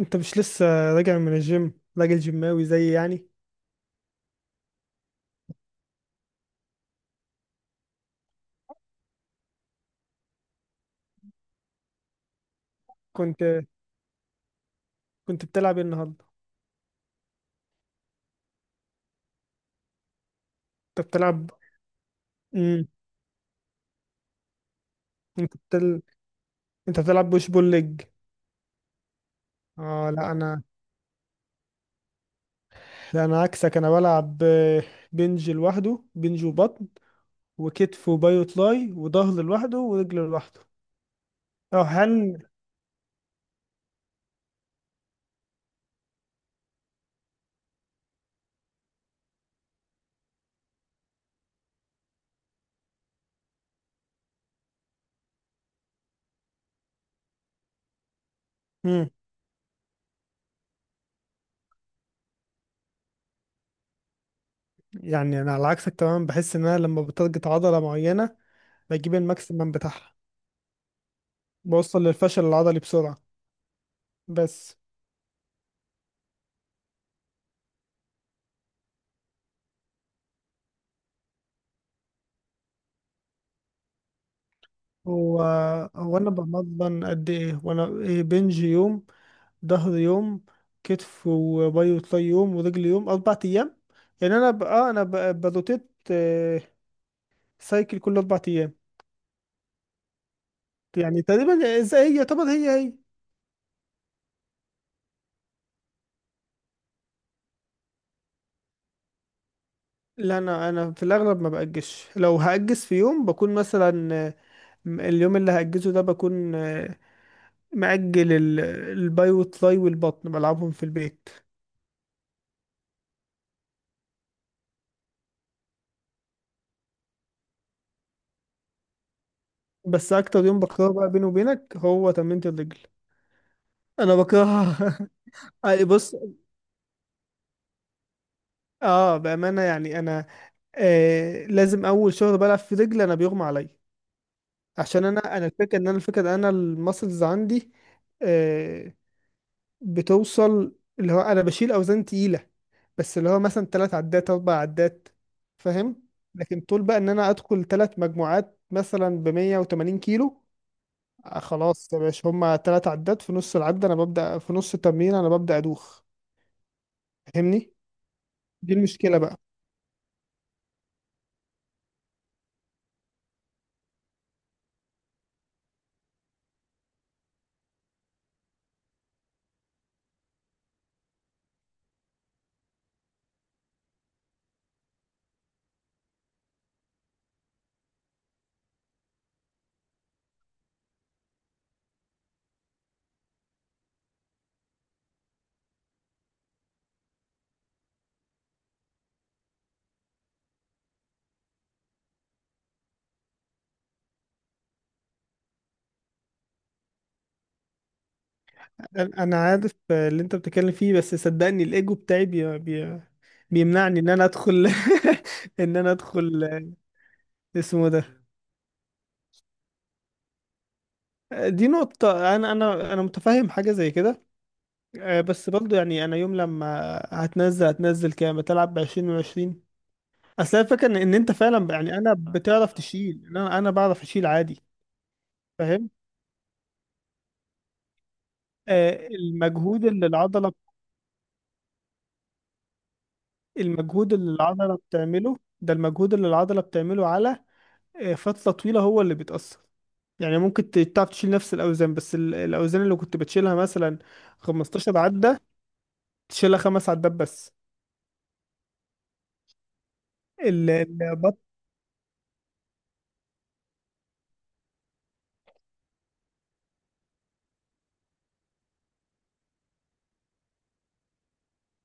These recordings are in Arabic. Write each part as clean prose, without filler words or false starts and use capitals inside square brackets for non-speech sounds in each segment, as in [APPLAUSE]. انت مش لسه راجع من الجيم، راجل جيماوي زي يعني. كنت كنت بتلعب ايه النهارده؟ انت بتلعب، امم انت بتل... انت بتلعب بوش بول ليج؟ اه لا انا لا انا عكسك. انا بلعب، بنج لوحده، بنج وبطن وكتف وباي وتراي وظهر لوحده ورجل لوحده. اه هل امم يعني انا على عكسك تماما. بحس ان انا لما بتارجت عضله معينه بجيب الماكسيمم بتاعها. بوصل للفشل العضلي بسرعه. بس هو هو انا بمضمن قد ايه. وانا إيه؟ بنج يوم، ظهر يوم، كتف وباي وتراي يوم، ورجل يوم. اربع ايام. يعني انا بقى بروتيت، سايكل كل اربع ايام. يعني تقريبا زي هي، يعتبر هي هي. لا انا في الاغلب ما باجزش. لو هاجز في يوم بكون مثلا، اليوم اللي هاجزه ده بكون، مأجل الباي والتراي والبطن بلعبهم في البيت. بس اكتر يوم بكرهه بقى بيني وبينك هو تمرينة الرجل. انا بكرهها. [LAUGHS] أي بص، اه بامانه يعني انا، لازم اول شغل بلعب في رجلي انا بيغمى عليا. عشان انا الفكره ان انا الماسلز عندي، آه بتوصل. اللي هو انا بشيل اوزان تقيله، بس اللي هو مثلا ثلاث عدات اربع عدات، فاهم؟ لكن طول بقى ان انا ادخل ثلاث مجموعات مثلا ب 180 كيلو، خلاص يا باشا، هما ثلاث عدات. في نص العده انا ببدا، في نص التمرين انا ببدا ادوخ. فاهمني؟ دي المشكله بقى. أنا عارف اللي انت بتتكلم فيه، بس صدقني الايجو بتاعي بيمنعني ان انا ادخل. [LAUGHS] ان انا ادخل اسمه ده. دي نقطة، انا متفهم حاجة زي كده. بس برضو يعني انا يوم لما هتنزل كام بتلعب؟ بعشرين وعشرين. اصل أنا الفكرة ان إن انت فعلا يعني انا بتعرف تشيل إن انا انا بعرف اشيل عادي. فاهم. المجهود اللي العضلة. المجهود اللي العضلة بتعمله ده. المجهود اللي العضلة بتعمله على فترة طويلة هو اللي بيتأثر. يعني ممكن تعرف تشيل نفس الاوزان. بس الاوزان اللي كنت بتشيلها مثلا 15 عدة، تشيلها خمس عدات بس. ال- البط.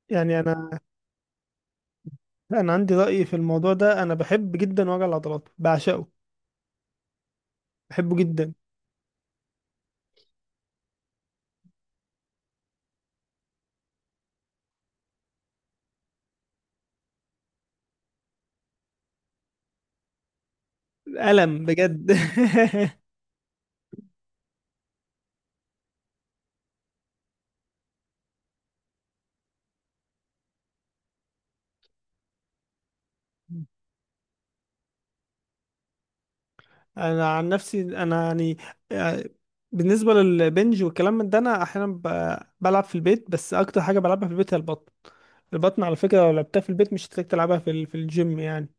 يعني انا عندي رأي في الموضوع ده. انا بحب جدا وجع العضلات، بعشقه، بحبه جدا. الم بجد. [LAUGHS] انا عن نفسي انا يعني، آه، بالنسبه للبنج والكلام من ده انا احيانا بلعب في البيت. بس اكتر حاجه بلعبها في البيت هي البطن. البطن على فكره لو لعبتها في البيت مش هتلاقيك تلعبها في في الجيم يعني.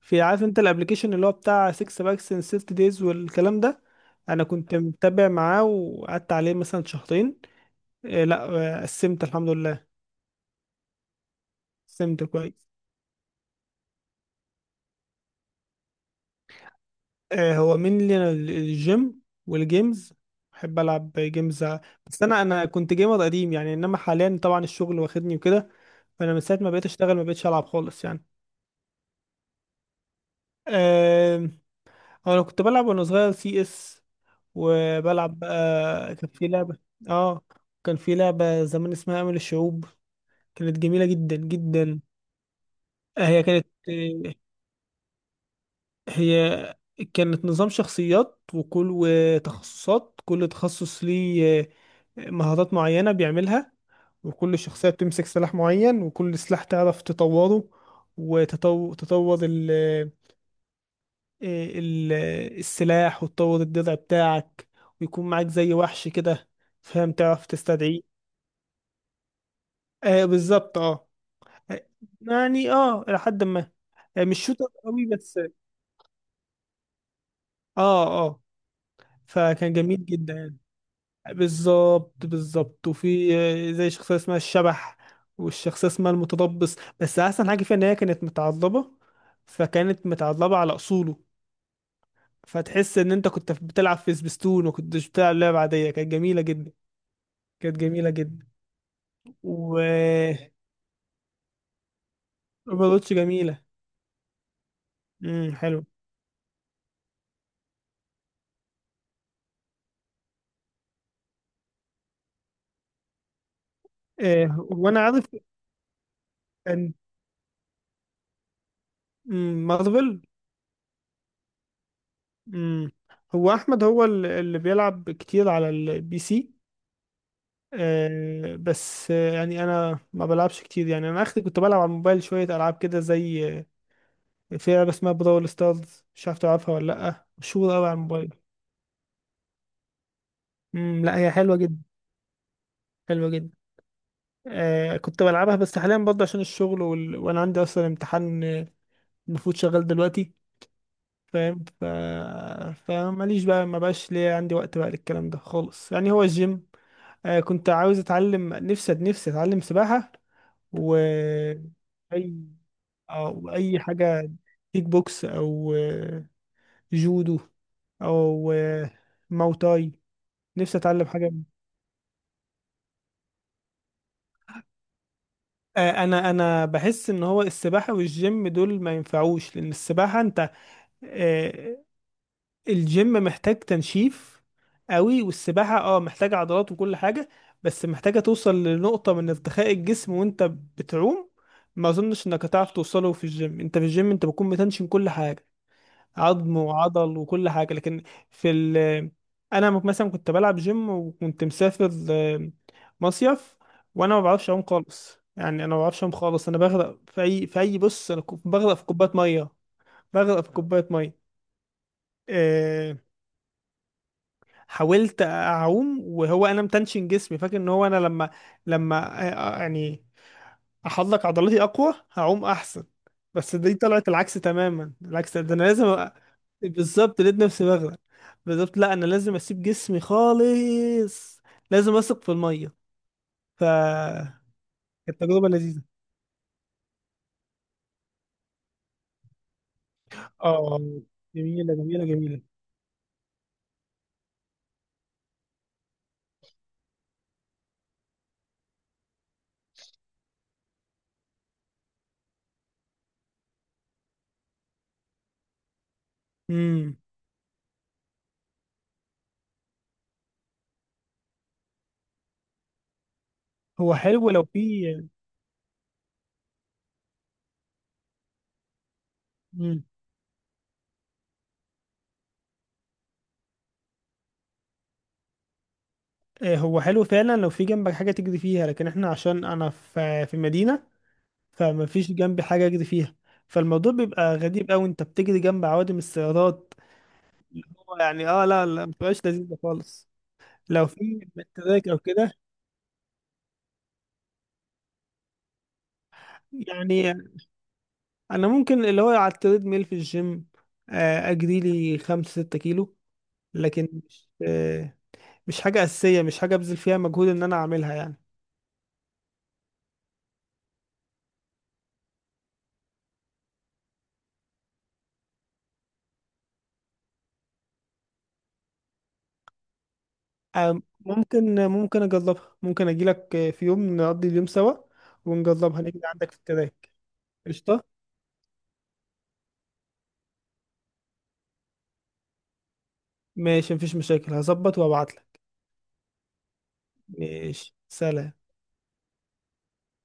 في، عارف انت الابلكيشن اللي هو بتاع 6 باكس ان 6 دايز والكلام ده؟ انا كنت متابع معاه وقعدت عليه مثلا شهرين، لا قسمت الحمد لله، قسمت كويس. هو مين؟ الجيم والجيمز. بحب العب جيمز. بس انا كنت جيمر قديم يعني، انما حاليا طبعا الشغل واخدني وكده. فانا من ساعه ما بقيت اشتغل ما بقيتش العب خالص يعني. آه، هو انا كنت بلعب وانا صغير سي اس، وبلعب بقى كان في لعبه، اه كان في لعبه زمان اسمها امل الشعوب. كانت جميله جدا جدا. آه، هي كانت آه، هي كانت نظام شخصيات، وكل وتخصصات. كل تخصص ليه مهارات معينة بيعملها، وكل شخصية بتمسك سلاح معين، وكل سلاح تعرف تطوره. وتطور تطور ال آه، ال السلاح، وتطور الدرع بتاعك، ويكون معاك زي وحش كده، فاهم، تعرف تستدعيه. آه بالظبط، اه. آه، يعني اه لحد ما آه، مش شوتر قوي بس. اه اه. فكان جميل جدا يعني. بالظبط بالظبط. وفي زي شخصية اسمها الشبح، والشخصية اسمها المتضبس. بس أحسن حاجة فيها إن هي كانت متعضبة، فكانت متعضبة على أصوله. فتحس إن أنت كنت بتلعب في سبيستون وكنتش بتلعب لعبة عادية. كانت جميلة جدا. كانت جميلة جدا. و روبوتش جميلة. حلو. آه وأنا عارف. كان مارفل. امم. هو أحمد، هو اللي بيلعب كتير على البي سي. آه، بس آه، يعني انا ما بلعبش كتير يعني. انا اخر كنت بلعب على الموبايل شويه العاب كده زي في لعبه اسمها براول ستارز. مش عارف تلعبها ولا لا؟ مشهوره قوي على الموبايل. لا هي حلوه جدا، حلوه جدا. آه كنت بلعبها. بس حاليا برضه عشان الشغل وانا عندي اصلا امتحان، المفروض شغال دلوقتي، فاهم. فماليش بقى، ما بقاش ليا عندي وقت بقى للكلام ده خالص يعني. هو الجيم. كنت عاوز اتعلم نفسي اتعلم سباحه، و او اي حاجه. كيك بوكس او جودو او ماو تاي. نفسي اتعلم حاجه انا بحس ان هو السباحه والجيم دول ما ينفعوش. لان السباحه انت، آه، الجيم محتاج تنشيف قوي. والسباحه اه محتاجه عضلات وكل حاجه، بس محتاجه توصل لنقطه من ارتخاء الجسم وانت بتعوم. ما اظنش انك هتعرف توصله في الجيم. انت في الجيم انت بتكون بتنشن كل حاجه، عظم وعضل وكل حاجة. لكن في أنا مثلا كنت بلعب جيم وكنت مسافر، مصيف. وأنا ما بعرفش أعوم خالص. يعني أنا ما بعرفش أعوم خالص. أنا بغرق في أي، في أي، بص أنا كنت بغرق في كوباية مية. بغرق في كوباية مية. آه، حاولت أعوم وهو أنا متنشن جسمي. فاكر إن هو أنا لما، يعني، احضلك عضلاتي اقوى هعوم احسن. بس دي طلعت العكس تماما. العكس ده انا لازم بالظبط، لقيت نفسي بغرق. بالظبط، لا انا لازم اسيب جسمي خالص. لازم اثق في الميه. ف كانت تجربه لذيذه. اه جميله جميله جميله. امم. هو حلو لو في. امم. هو حلو فعلا لو في جنبك حاجه تجري فيها. لكن احنا عشان انا في مدينه، فما فيش جنبي حاجه اجري فيها. فالموضوع بيبقى غريب قوي، انت بتجري جنب عوادم السيارات اللي هو. يعني اه لا لا ما بتبقاش لذيذه خالص. لو في تراك او كده يعني، انا ممكن اللي هو على التريد ميل في الجيم، اجري لي 5 6 كيلو. لكن مش، مش حاجه اساسيه، مش حاجه ابذل فيها مجهود ان انا اعملها يعني. ممكن اجربها. ممكن اجي لك في يوم نقضي اليوم سوا ونجربها. نجري عندك في التراك. قشطه. ماشي مفيش مشاكل، هظبط وابعت لك. ماشي سلام.